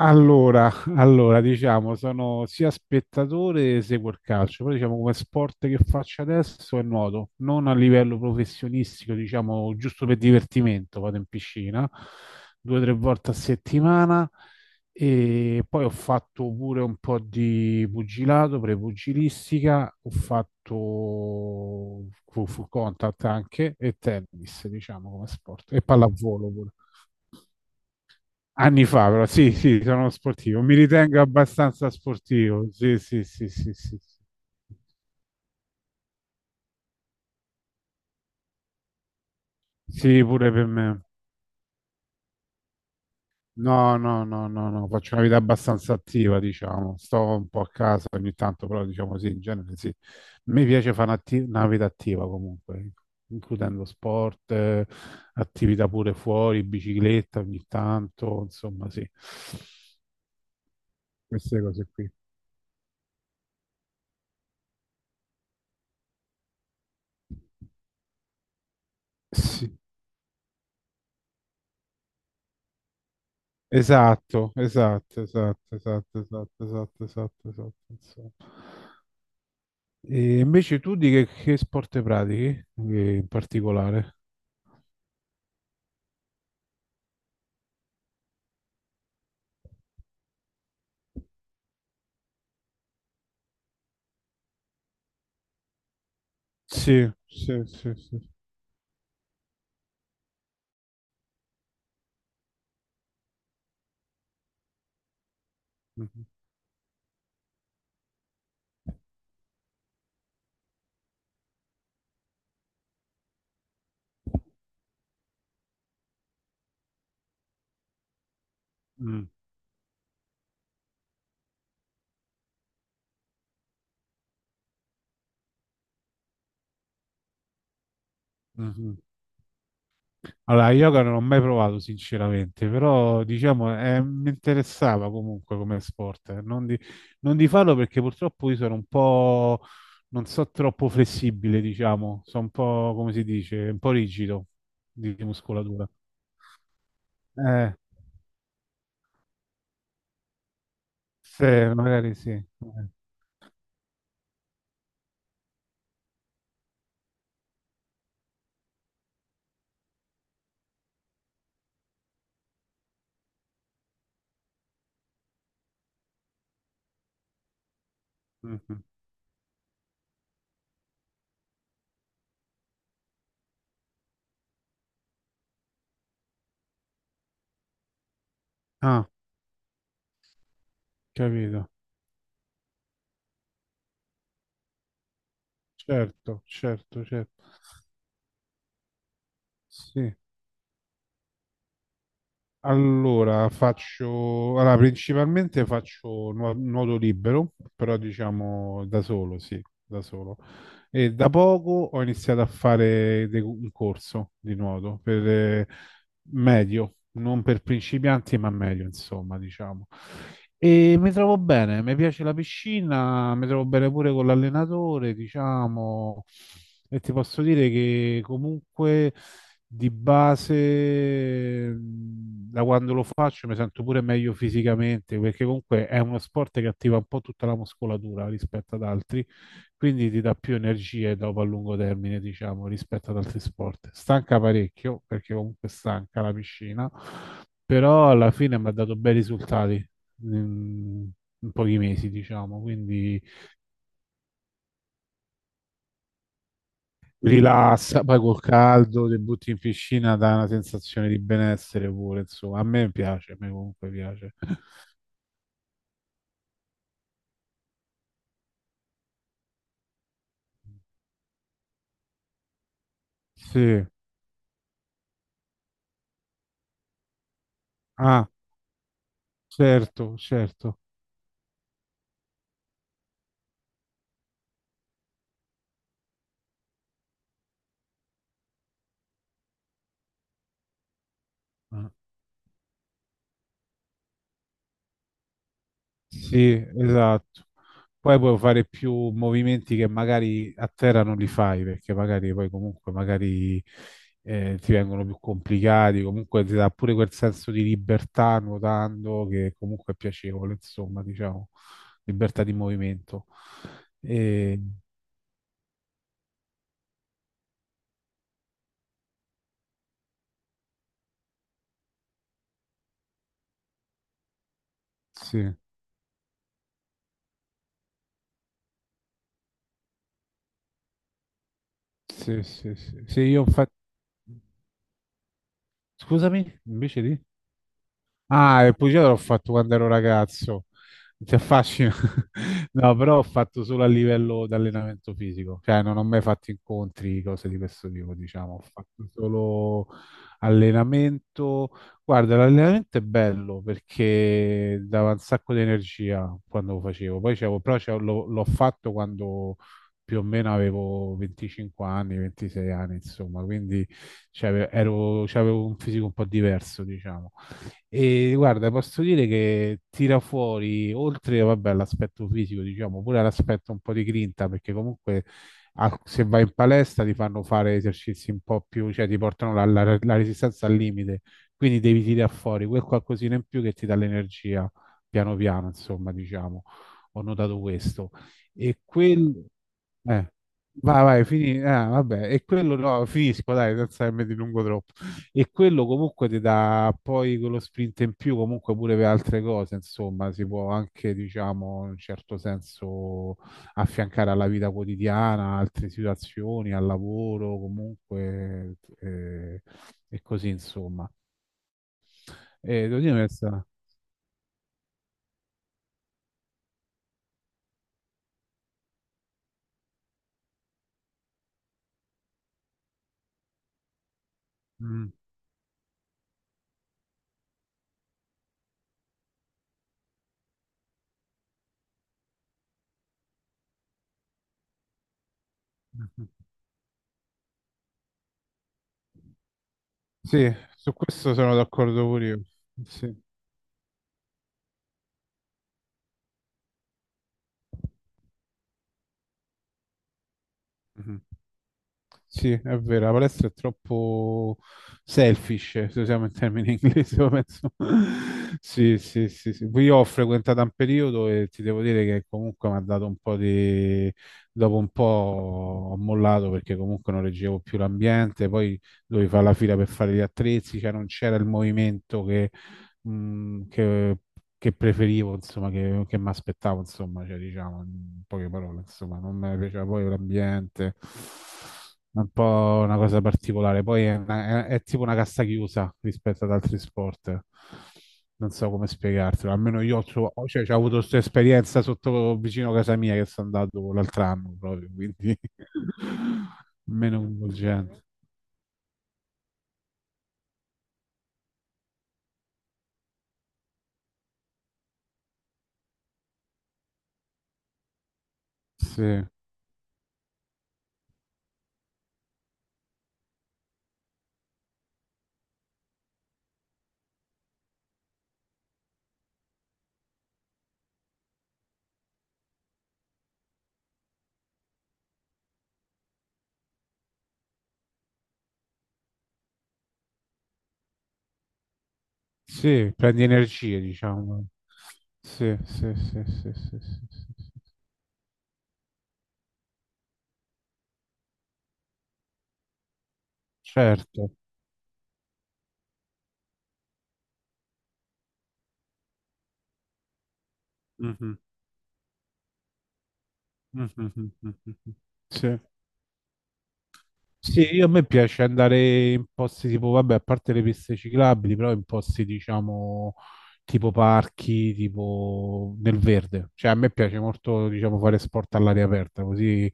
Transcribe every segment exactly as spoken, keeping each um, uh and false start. Allora, allora, diciamo, sono sia spettatore che seguo il calcio, però diciamo come sport che faccio adesso è nuoto, non a livello professionistico, diciamo giusto per divertimento, vado in piscina due o tre volte a settimana e poi ho fatto pure un po' di pugilato, prepugilistica, ho fatto full full contact anche e tennis, diciamo come sport, e pallavolo anni fa, però sì, sì, sono sportivo. Mi ritengo abbastanza sportivo. Sì, sì, sì, sì, sì. Sì, pure per me. No, no, no, no, no, faccio una vita abbastanza attiva, diciamo. Sto un po' a casa ogni tanto, però diciamo sì, in genere sì. Mi piace fare un'atti- una vita attiva comunque, includendo sport, eh, attività pure fuori, bicicletta ogni tanto, insomma sì. Queste cose qui. Sì. Esatto, esatto, esatto, esatto, esatto, esatto, esatto, esatto, insomma. E invece tu di che, che sport pratichi eh, in particolare? Sì, sì, sì, sì. Mhm, mhm, mhm. Allora, yoga non l'ho mai provato sinceramente, però diciamo eh, mi interessava comunque come sport. eh. Non di, non di farlo perché purtroppo io sono un po', non so, troppo flessibile, diciamo, sono un po', come si dice, un po' rigido di, di muscolatura. Eh, se magari sì. Eh, mhm. Ah, capito. Certo, certo, certo. Sì. Allora, faccio, allora, principalmente faccio nuo- nuoto libero, però diciamo da solo, sì, da solo. E da poco ho iniziato a fare de- un corso di nuoto per, medio, non per principianti, ma medio, insomma, diciamo. E mi trovo bene, mi piace la piscina, mi trovo bene pure con l'allenatore, diciamo, e ti posso dire che comunque di base, mh, da quando lo faccio, mi sento pure meglio fisicamente, perché comunque è uno sport che attiva un po' tutta la muscolatura rispetto ad altri, quindi ti dà più energie dopo a lungo termine, diciamo, rispetto ad altri sport. Stanca parecchio, perché comunque stanca la piscina, però alla fine mi ha dato bei risultati. In In pochi mesi, diciamo, quindi rilassa, poi col caldo, ti butti in piscina, dà una sensazione di benessere pure, insomma, a me piace, a me comunque piace. Sì, ah, certo, certo. Ah. Sì, esatto. Poi puoi fare più movimenti che magari a terra non li fai, perché magari poi comunque magari eh, ti vengono più complicati, comunque ti dà pure quel senso di libertà nuotando che comunque è piacevole, insomma, diciamo, libertà di movimento. E, sì, sì, sì, sì. Sì, io infatti... Scusami, invece di... Ah, il pugilato l'ho fatto quando ero ragazzo. Ti affascina? No, però ho fatto solo a livello di allenamento fisico, cioè non ho mai fatto incontri, cose di questo tipo, diciamo, ho fatto solo allenamento. Guarda, l'allenamento è bello perché dava un sacco di energia quando lo facevo, poi c'avevo- però c'avevo- l'ho l'ho fatto quando più o meno avevo venticinque anni, ventisei anni, insomma, quindi c'ave- ero- c'avevo un fisico un po' diverso, diciamo. E guarda, posso dire che tira fuori, oltre vabbè, all'aspetto fisico, diciamo, pure all'aspetto un po' di grinta, perché comunque al- se vai in palestra ti fanno fare esercizi un po' più, cioè ti portano la, la- la resistenza al limite, quindi devi tirare fuori quel qualcosina in più che ti dà l'energia piano piano, insomma, diciamo, ho notato questo. E quel... eh, vai, vai, fini... ah, vabbè, e quello no, finisco, dai, senza che mi dilungo troppo e quello comunque ti dà poi quello sprint in più comunque pure per altre cose, insomma, si può anche, diciamo, in un certo senso affiancare alla vita quotidiana, altre situazioni, al lavoro, comunque eh, e così, insomma. E devo dire, questa- Mm, mhm. Sì, su questo sono d'accordo pure io. Sì. Mhm. Sì, è vero, la palestra è troppo selfish, se usiamo il termine inglese, io penso. Sì, sì, sì, sì. Poi io ho frequentato un periodo e ti devo dire che comunque mi ha dato un po' di... Dopo un po' ho mollato perché comunque non reggevo più l'ambiente, poi dovevi fare la fila per fare gli attrezzi, cioè non c'era il movimento che mh, che, che preferivo, insomma, che, che mi aspettavo, insomma, cioè, diciamo, in poche parole, insomma, non mi piaceva poi l'ambiente, è un po' una cosa particolare, poi è, una- è- è tipo una cassa chiusa rispetto ad altri sport. Non so come spiegartelo, almeno io ho, tro- cioè, c'ho avuto questa esperienza sotto vicino a casa mia che sono andato l'altro anno proprio, quindi meno coinvolgente. Sì, sì, prendi energie, diciamo. Sì, sì, sì, sì, sì, sì, sì, sì. Certo. Mhm, mhm, mhm, mhm. Sì. Sì, io a me piace andare in posti tipo, vabbè, a parte le piste ciclabili, però in posti, diciamo, tipo parchi, tipo nel verde. Cioè, a me piace molto, diciamo, fare sport all'aria aperta, così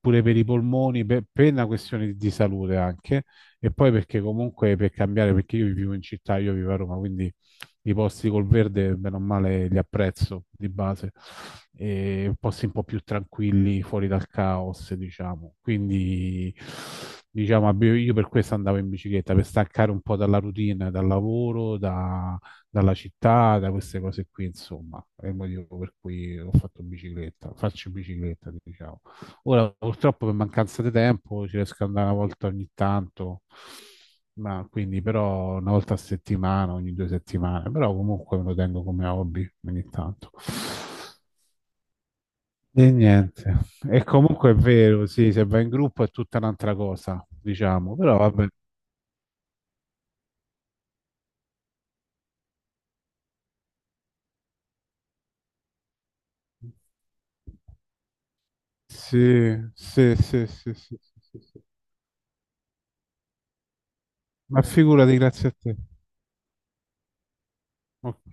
pure per i polmoni, per, per una questione di, di salute anche, e poi perché comunque per cambiare, perché io vivo in città, io vivo a Roma, quindi i posti col verde, bene o male, li apprezzo di base, e posti un po' più tranquilli, fuori dal caos, diciamo. Quindi, diciamo, abbi- io per questo andavo in bicicletta, per staccare un po' dalla routine, dal lavoro, da- dalla città, da queste cose qui, insomma. È il motivo per cui ho fatto bicicletta, faccio bicicletta, diciamo. Ora, purtroppo, per mancanza di tempo, ci riesco ad andare una volta ogni tanto, ma quindi però una volta a settimana, ogni due settimane, però comunque me lo tengo come hobby ogni tanto. E niente. E comunque è vero, sì, se va in gruppo è tutta un'altra cosa, diciamo, però vabbè. Sì, sì, sì, sì, sì, sì, sì, sì. Ma figurati, grazie a te. Ok.